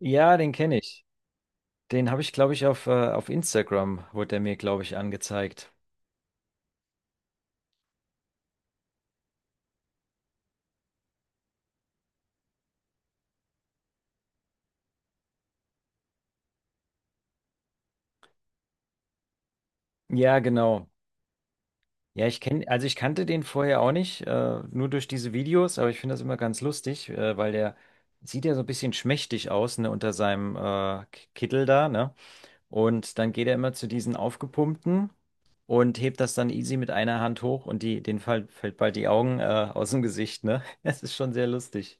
Ja, den kenne ich. Den habe ich, glaube ich, auf Instagram wurde der mir, glaube ich, angezeigt. Ja, genau. Ja, ich kenne, also ich kannte den vorher auch nicht, nur durch diese Videos, aber ich finde das immer ganz lustig, weil der sieht ja so ein bisschen schmächtig aus, ne, unter seinem Kittel da, ne? Und dann geht er immer zu diesen aufgepumpten und hebt das dann easy mit einer Hand hoch und die, den fall, fällt bald die Augen aus dem Gesicht, ne? Das ist schon sehr lustig.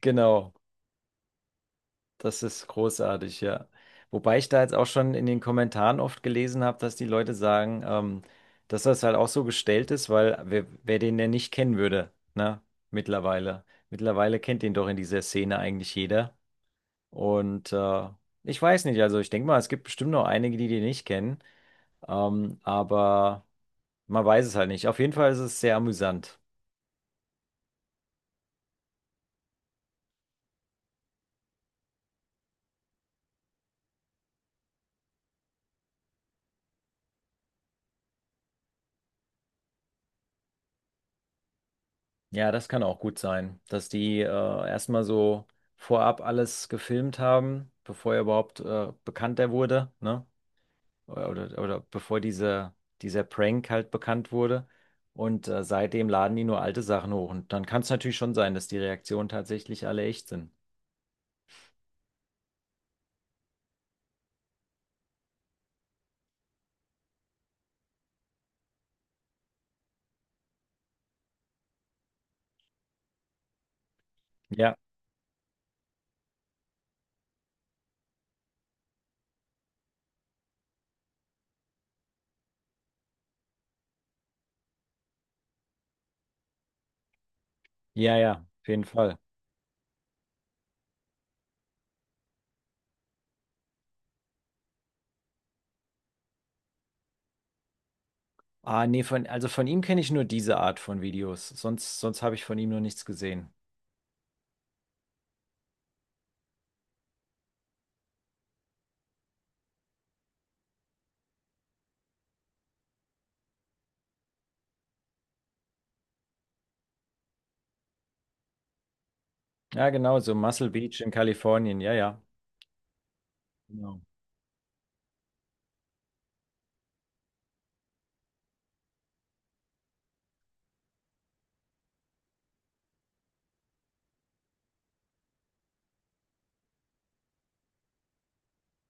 Genau. Das ist großartig, ja. Wobei ich da jetzt auch schon in den Kommentaren oft gelesen habe, dass die Leute sagen, dass das halt auch so gestellt ist, weil wer den denn nicht kennen würde, ne? Mittlerweile. Mittlerweile kennt den doch in dieser Szene eigentlich jeder. Und ich weiß nicht, also ich denke mal, es gibt bestimmt noch einige, die den nicht kennen. Aber man weiß es halt nicht. Auf jeden Fall ist es sehr amüsant. Ja, das kann auch gut sein, dass die erstmal so vorab alles gefilmt haben, bevor er überhaupt bekannt wurde, ne? Oder bevor dieser Prank halt bekannt wurde. Und seitdem laden die nur alte Sachen hoch. Und dann kann es natürlich schon sein, dass die Reaktionen tatsächlich alle echt sind. Ja, ja, ja, auf jeden Fall. Ah, nee, also von ihm kenne ich nur diese Art von Videos. Sonst habe ich von ihm noch nichts gesehen. Ja, genau, so Muscle Beach in Kalifornien, ja, ja. Genau.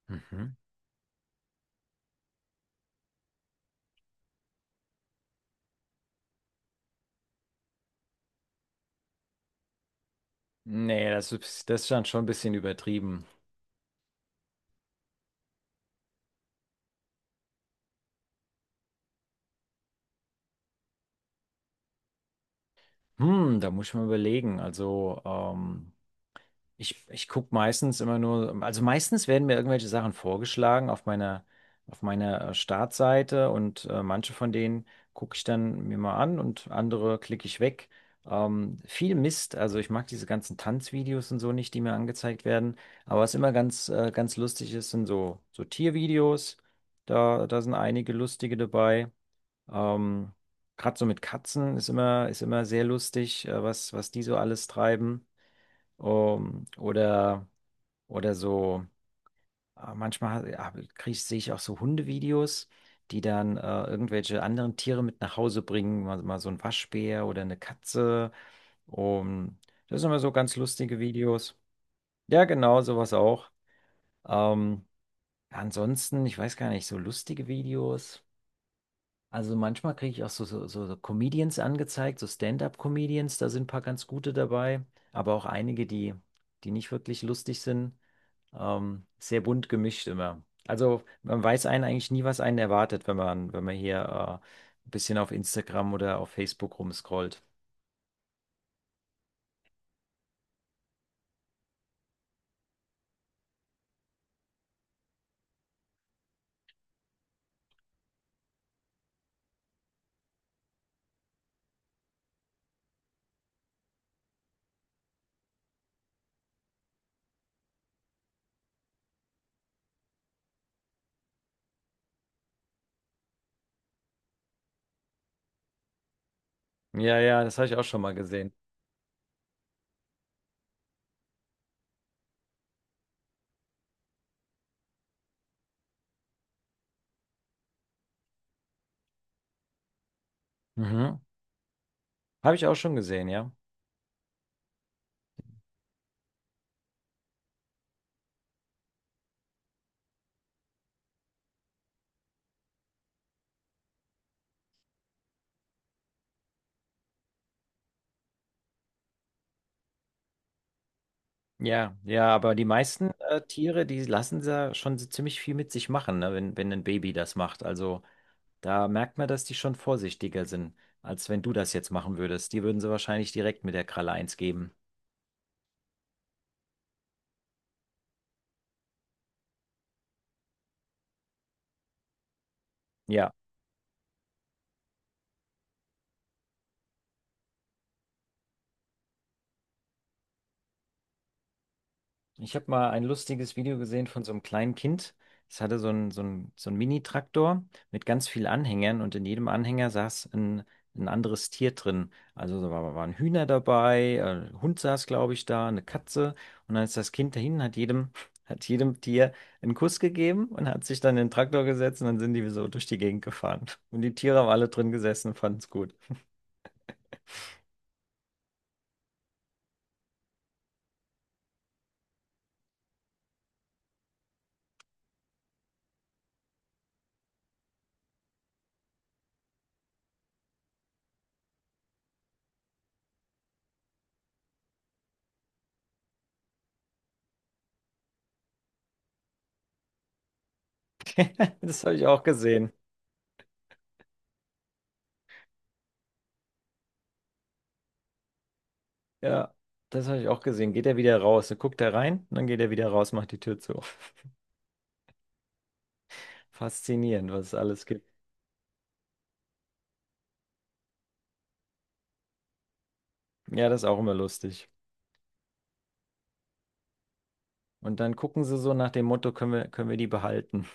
Mhm. Nee, das ist dann schon ein bisschen übertrieben. Hm, da muss ich mal überlegen. Also, ich gucke meistens immer nur, also meistens werden mir irgendwelche Sachen vorgeschlagen auf auf meiner Startseite und manche von denen gucke ich dann mir mal an und andere klicke ich weg. Viel Mist, also ich mag diese ganzen Tanzvideos und so nicht, die mir angezeigt werden. Aber was immer ganz lustig ist, sind so Tiervideos. Da sind einige lustige dabei. Ähm, gerade so mit Katzen ist immer sehr lustig, was die so alles treiben. Ähm, oder, oder so, manchmal ja, krieg, sehe ich auch so Hundevideos, die dann irgendwelche anderen Tiere mit nach Hause bringen, mal so ein Waschbär oder eine Katze. Um, das sind immer so ganz lustige Videos. Ja, genau, sowas auch. Ähm, ansonsten, ich weiß gar nicht, so lustige Videos. Also manchmal kriege ich auch so Comedians angezeigt, so Stand-up-Comedians, da sind ein paar ganz gute dabei, aber auch einige, die nicht wirklich lustig sind. Sehr bunt gemischt immer. Also man weiß einen eigentlich nie, was einen erwartet, wenn man hier äh, ein bisschen auf Instagram oder auf Facebook rumscrollt. Ja, ja, das habe ich auch schon mal gesehen. Mhm. Habe ich auch schon gesehen, ja. Ja, ja, aber die meisten Tiere, die lassen ja schon so ziemlich viel mit sich machen, ne, wenn ein Baby das macht. Also da merkt man, dass die schon vorsichtiger sind, als wenn du das jetzt machen würdest. Die würden sie wahrscheinlich direkt mit der Kralle eins geben. Ja. Ich habe mal ein lustiges Video gesehen von so einem kleinen Kind. Es hatte so einen Mini-Traktor mit ganz vielen Anhängern und in jedem Anhänger saß ein anderes Tier drin. Also waren Hühner dabei, ein Hund saß, glaube ich, da, eine Katze. Und dann ist das Kind dahin, hat jedem, hat jedem Tier einen Kuss gegeben und hat sich dann in den Traktor gesetzt und dann sind die so durch die Gegend gefahren. Und die Tiere haben alle drin gesessen und fanden es gut. Das habe ich auch gesehen. Ja, das habe ich auch gesehen. Geht er wieder raus, dann guckt er rein, und dann geht er wieder raus, macht die Tür zu. Faszinierend, was es alles gibt. Ja, das ist auch immer lustig. Und dann gucken sie so nach dem Motto, können wir die behalten?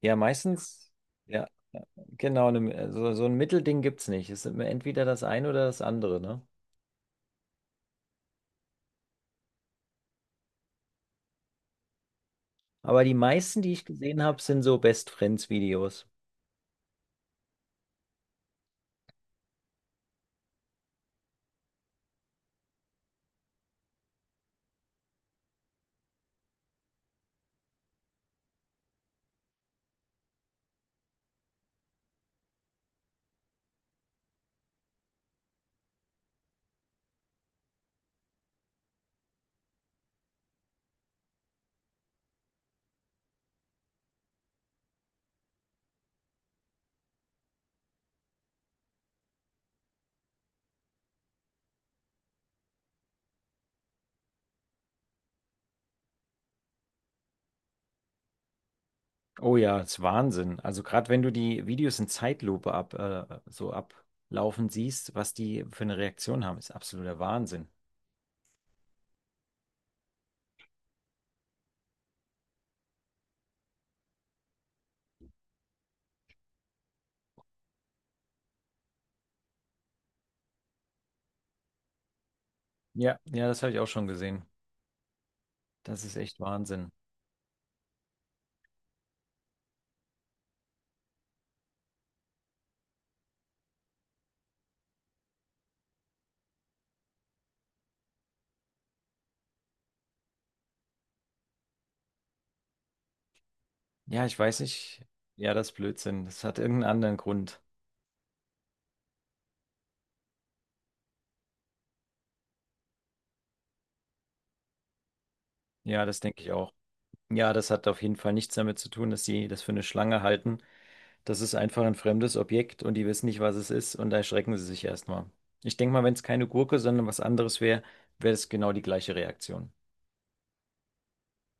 Ja, meistens, ja, ja, genau, ne, so ein Mittelding gibt es nicht. Es ist immer entweder das eine oder das andere, ne? Aber die meisten, die ich gesehen habe, sind so Best Friends Videos. Oh ja, das ist Wahnsinn. Also gerade wenn du die Videos in so ablaufen siehst, was die für eine Reaktion haben, ist absoluter Wahnsinn. Ja, ja, das habe ich auch schon gesehen. Das ist echt Wahnsinn. Ja, ich weiß nicht. Ja, das ist Blödsinn. Das hat irgendeinen anderen Grund. Ja, das denke ich auch. Ja, das hat auf jeden Fall nichts damit zu tun, dass die das für eine Schlange halten. Das ist einfach ein fremdes Objekt und die wissen nicht, was es ist und da erschrecken sie sich erstmal. Ich denke mal, wenn es keine Gurke, sondern was anderes wäre, wäre es genau die gleiche Reaktion.